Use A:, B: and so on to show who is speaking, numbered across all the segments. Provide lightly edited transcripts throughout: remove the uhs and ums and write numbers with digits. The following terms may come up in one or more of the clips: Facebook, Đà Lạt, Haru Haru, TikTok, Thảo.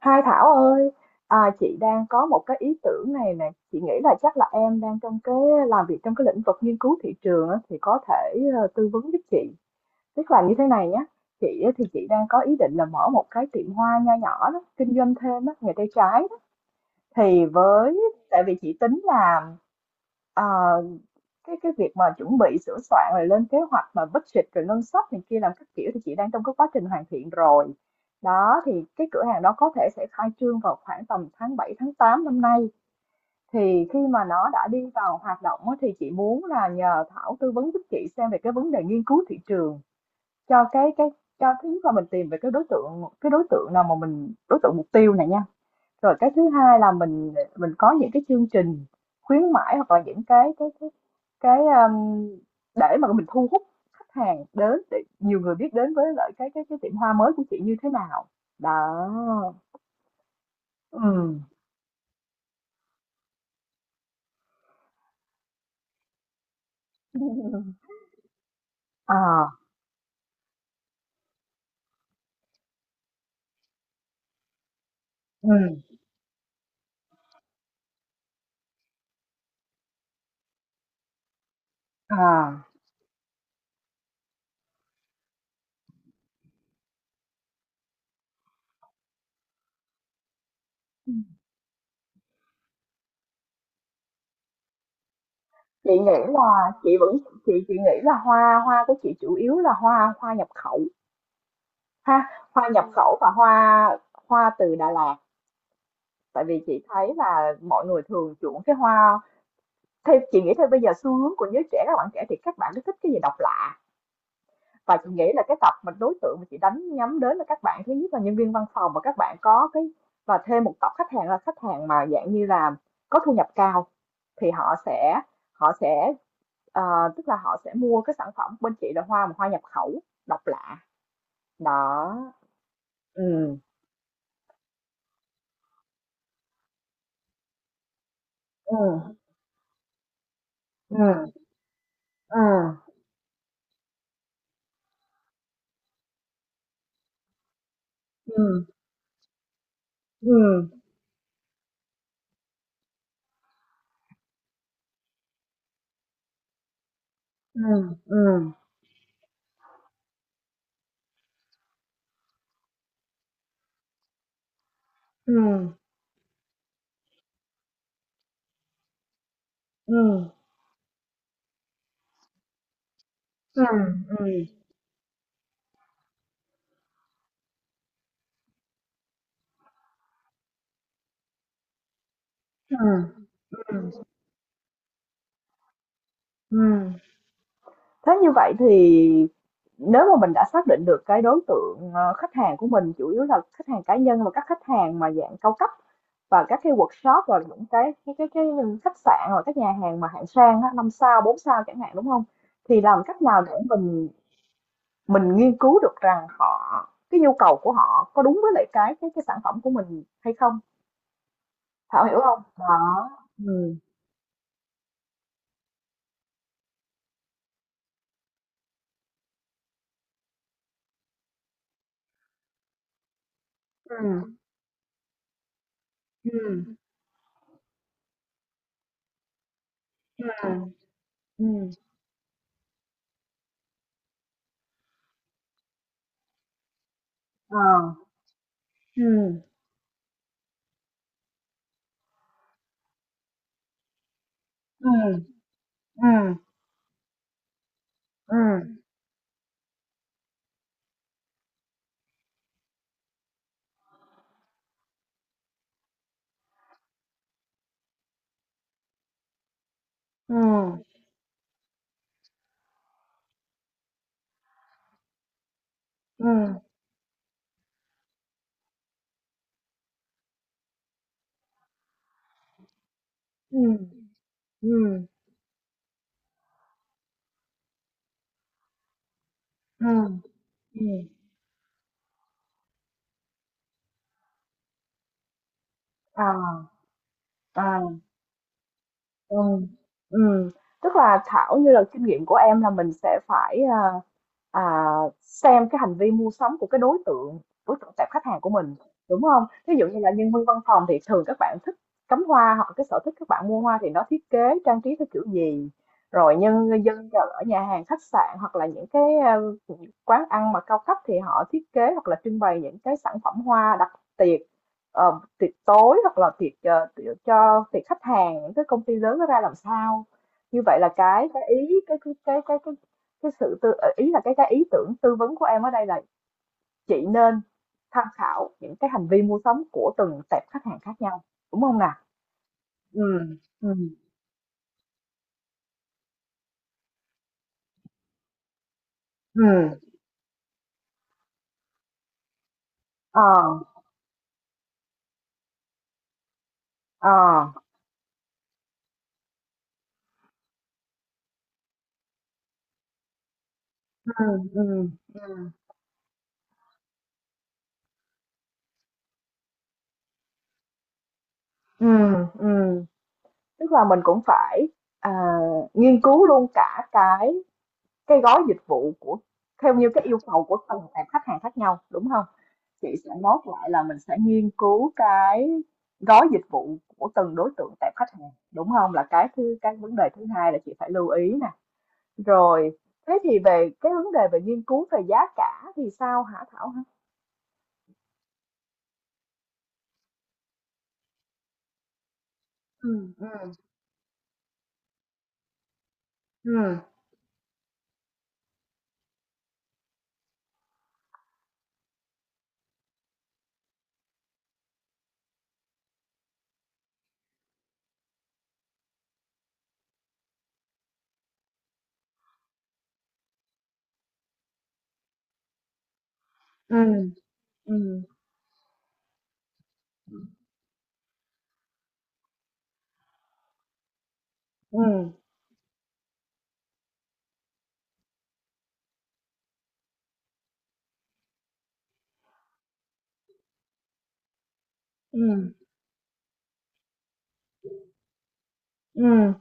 A: Hai Thảo ơi, à, chị đang có một cái ý tưởng này nè. Chị nghĩ là chắc là em đang trong cái làm việc trong cái lĩnh vực nghiên cứu thị trường á, thì có thể tư vấn giúp chị. Tức là như thế này nhé, chị á, thì chị đang có ý định là mở một cái tiệm hoa nho nhỏ đó, kinh doanh thêm á, nghề tay trái đó. Thì với tại vì chị tính là, ờ, cái việc mà chuẩn bị sửa soạn rồi lên kế hoạch mà budget rồi ngân sách này kia làm các kiểu thì chị đang trong cái quá trình hoàn thiện rồi đó. Thì cái cửa hàng đó có thể sẽ khai trương vào khoảng tầm tháng 7 tháng 8 năm nay. Thì khi mà nó đã đi vào hoạt động á, thì chị muốn là nhờ Thảo tư vấn giúp chị xem về cái vấn đề nghiên cứu thị trường cho cái cho thứ nhất là mình tìm về cái đối tượng, cái đối tượng nào mà mình đối tượng mục tiêu này nha. Rồi cái thứ hai là mình có những cái chương trình khuyến mãi hoặc là những cái cái, để mà mình thu hút khách hàng đến, để nhiều người biết đến với lại cái cái tiệm hoa mới của chị như thế nào. Đó. Ừm. À, ừm, à. Chị nghĩ là chị vẫn, chị nghĩ là hoa hoa của chị chủ yếu là hoa hoa nhập khẩu ha, hoa nhập khẩu và hoa hoa từ Đà Lạt. Tại vì chị thấy là mọi người thường chuộng cái hoa. Thì chị nghĩ thôi bây giờ xu hướng của giới trẻ, các bạn trẻ thì các bạn rất thích cái gì độc lạ, và chị nghĩ là cái tập mà đối tượng mà chị đánh nhắm đến là các bạn, thứ nhất là nhân viên văn phòng và các bạn có cái, và thêm một tập khách hàng là khách hàng mà dạng như là có thu nhập cao. Thì họ sẽ, họ sẽ ờ, tức là họ sẽ mua cái sản phẩm bên chị là hoa mà hoa nhập khẩu độc lạ đó. Ừ, ừ, ừ, ừ, ừ, ừ, ừ, ừ, ừ, ừ, ừ, ừ, ừ. Ừ. Ừ. Ừ. Ừm, thế như vậy thì nếu mà mình đã xác định được cái đối tượng, khách hàng của mình chủ yếu là khách hàng cá nhân và các khách hàng mà dạng cao cấp và các cái workshop và những cái cái khách sạn hoặc các nhà hàng mà hạng sang á, 5 sao, 4 sao chẳng hạn, đúng không? Thì làm cách nào để mình nghiên cứu được rằng họ, cái nhu cầu của họ có đúng với lại cái cái sản phẩm của mình hay không? Thảo hiểu không? Đó. Ừ, ừ, ừ, ừ, ừm, ờ, ừ, ừ, ừm. Ừm, ừm, ừm, ừm, ừm, ừm, ừm, à, à. Ừ, ừm, tức là Thảo như là kinh nghiệm của em là mình sẽ phải, à, xem cái hành vi mua sắm của cái đối tượng, đối tượng tệp khách hàng của mình, đúng không? Ví dụ như là nhân viên văn phòng thì thường các bạn thích cắm hoa, hoặc là cái sở thích các bạn mua hoa thì nó thiết kế trang trí theo kiểu gì? Rồi nhân dân ở nhà hàng khách sạn hoặc là những cái, quán ăn mà cao cấp thì họ thiết kế hoặc là trưng bày những cái sản phẩm hoa đặc biệt, tiệc tối hoặc là tiệc, tiệc cho tiệc khách hàng những cái công ty lớn nó ra làm sao. Như vậy là cái ý cái sự tư, ý là cái ý tưởng tư vấn của em ở đây là chị nên tham khảo những cái hành vi mua sắm của từng tệp khách hàng khác nhau, đúng không nào? Ừ, ừ, ừ, ờ, ờ, ừ, ừ, ừ, ừ, ừ. Tức là mình cũng phải, à, nghiên cứu luôn cả cái gói dịch vụ của theo như cái yêu cầu của từng tệp khách hàng khác nhau, đúng không? Chị sẽ note lại là mình sẽ nghiên cứu cái gói dịch vụ của từng đối tượng tệp khách hàng, đúng không? Là cái thứ, cái vấn đề thứ hai là chị phải lưu ý nè. Rồi, thế thì về cái vấn đề về nghiên cứu về giá cả thì sao hả Thảo hả? Ừm, ừm, ừm, ừm, ừm, ừm, ừm, ừm,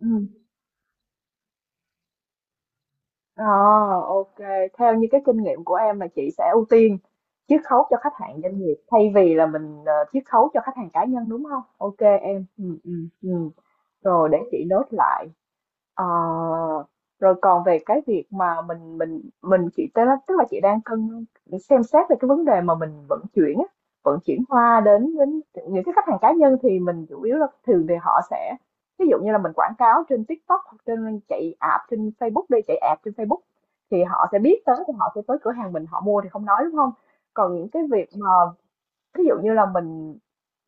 A: ừm. Ờ, ok. Theo như cái kinh nghiệm của em là chị sẽ ưu tiên chiết khấu cho khách hàng doanh nghiệp thay vì là mình chiết khấu cho khách hàng cá nhân, đúng không? Ok em. Ừ, ừ, ừ. Rồi để chị nốt lại. Ờ, rồi còn về cái việc mà mình chị tức là, chị đang cân xem xét về cái vấn đề mà mình vận chuyển á, vận chuyển hoa đến đến những cái khách hàng cá nhân thì mình chủ yếu là thường thì họ sẽ, ví dụ như là mình quảng cáo trên TikTok hoặc trên chạy app trên Facebook, đi chạy app trên Facebook thì họ sẽ biết tới, thì họ sẽ tới cửa hàng mình họ mua thì không nói đúng không. Còn những cái việc mà ví dụ như là mình,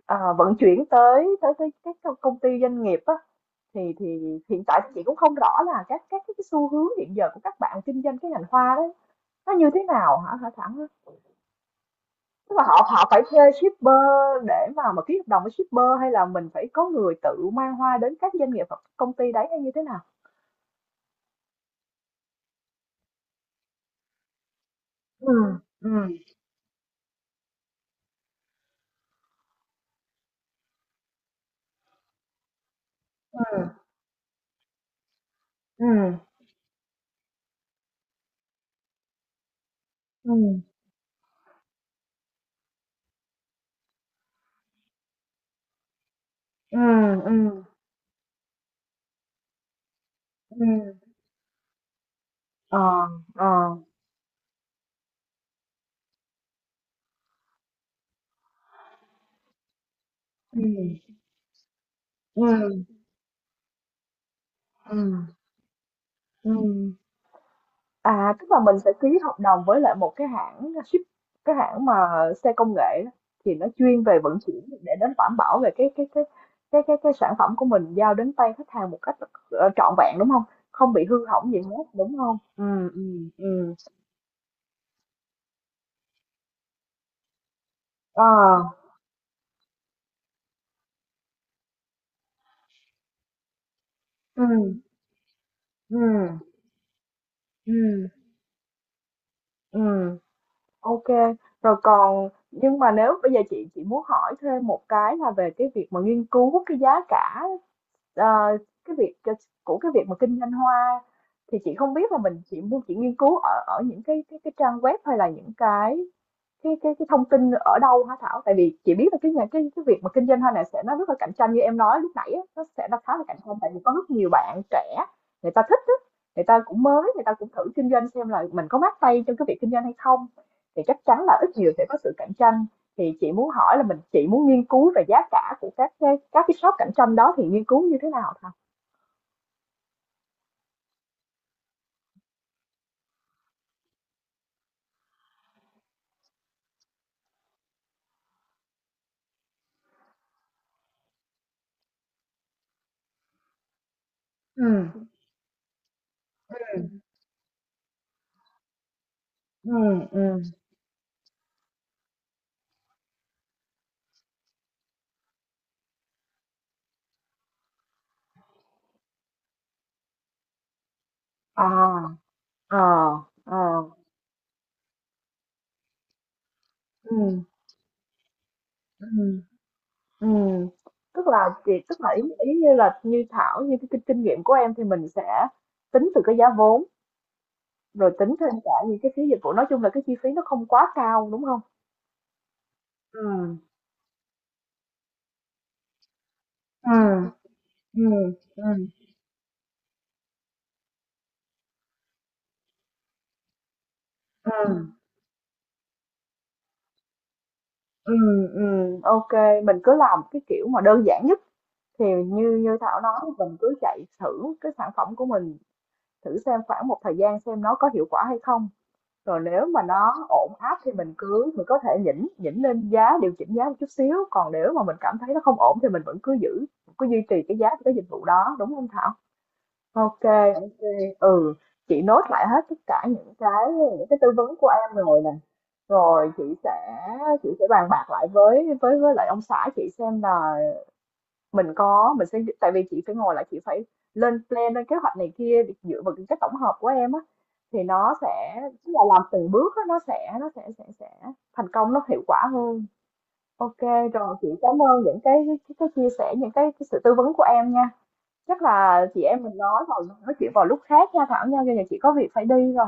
A: vận chuyển tới tới cái công ty doanh nghiệp á, thì hiện tại chị cũng không rõ là các cái xu hướng hiện giờ của các bạn kinh doanh cái ngành hoa đấy nó như thế nào hả hả Thảo? Tức là họ họ phải thuê shipper để mà ký hợp đồng với shipper, hay là mình phải có người tự mang hoa đến các doanh nghiệp hoặc công ty đấy hay như thế nào? Ừ. Ừ. Ừ, ừ, ừ. Ừ, ừ, ừ. Ờ, ờ. Ừ, ừ, ừ, ừ. À, tức là mình sẽ ký hợp đồng với lại một cái hãng ship, cái hãng mà xe công nghệ á, thì nó chuyên về vận chuyển để đến đảm bảo về cái cái sản phẩm của mình giao đến tay khách hàng một cách trọn vẹn, đúng không? Không bị hư hỏng gì hết, đúng không? Ừ, ừ, ừ. Ờ, ừ, ừ, ừ, ừ. Ok. Rồi còn nhưng mà nếu bây giờ chị muốn hỏi thêm một cái là về cái việc mà nghiên cứu cái giá cả, Ờ, cái việc c của cái việc mà kinh doanh hoa, thì chị không biết là mình chỉ mua, chị nghiên cứu ở ở những cái cái trang web hay là những cái cái thông tin ở đâu hả Thảo? Tại vì chị biết là cái nhà cái việc mà kinh doanh hoa này sẽ nó rất là cạnh tranh, như em nói lúc nãy á, nó sẽ nó khá là cạnh tranh, tại vì có rất nhiều bạn trẻ người ta thích á, người ta cũng mới, người ta cũng thử kinh doanh xem là mình có mát tay trong cái việc kinh doanh hay không. Thì chắc chắn là ít nhiều sẽ có sự cạnh tranh. Thì chị muốn hỏi là mình, chị muốn nghiên cứu về giá cả của các cái các shop cạnh tranh đó thì nghiên cứu như thế nào Thảo? Ừ, ừ, ừ, ừ. À, à, à, ừ. Ừ. Ừ. Tức là chị, tức là ý ý như là như Thảo, như cái kinh, kinh nghiệm của em thì mình sẽ tính từ cái giá vốn rồi tính thêm cả những cái phí dịch vụ, nói chung là cái chi phí nó không quá cao, đúng không? Ừ. Ừ. Ừ. Ừ. Ừ. Ừ. Ừ. Ok, mình cứ làm cái kiểu mà đơn giản nhất thì như như Thảo nói, mình cứ chạy thử cái sản phẩm của mình, thử xem khoảng một thời gian xem nó có hiệu quả hay không. Rồi nếu mà nó ổn áp thì mình cứ mình có thể nhỉnh nhỉnh lên giá, điều chỉnh giá một chút xíu, còn nếu mà mình cảm thấy nó không ổn thì mình vẫn cứ giữ, cứ duy trì cái giá của cái dịch vụ đó, đúng không Thảo? Ok. Ok. Ừ, chị nốt lại hết tất cả những cái tư vấn của em rồi nè. Rồi chị sẽ, bàn bạc lại với với lại ông xã chị xem là mình có, mình sẽ, tại vì chị phải ngồi lại, chị phải lên plan lên kế hoạch này kia để dựa vào cái tổng hợp của em á, thì nó sẽ tức là làm từng bước á, nó sẽ sẽ thành công, nó hiệu quả hơn. Ok. Rồi chị cảm ơn những cái chia sẻ những cái sự tư vấn của em nha. Chắc là chị em mình nói vào, nói chuyện vào lúc khác nha Thảo nha, giờ chị có việc phải đi rồi.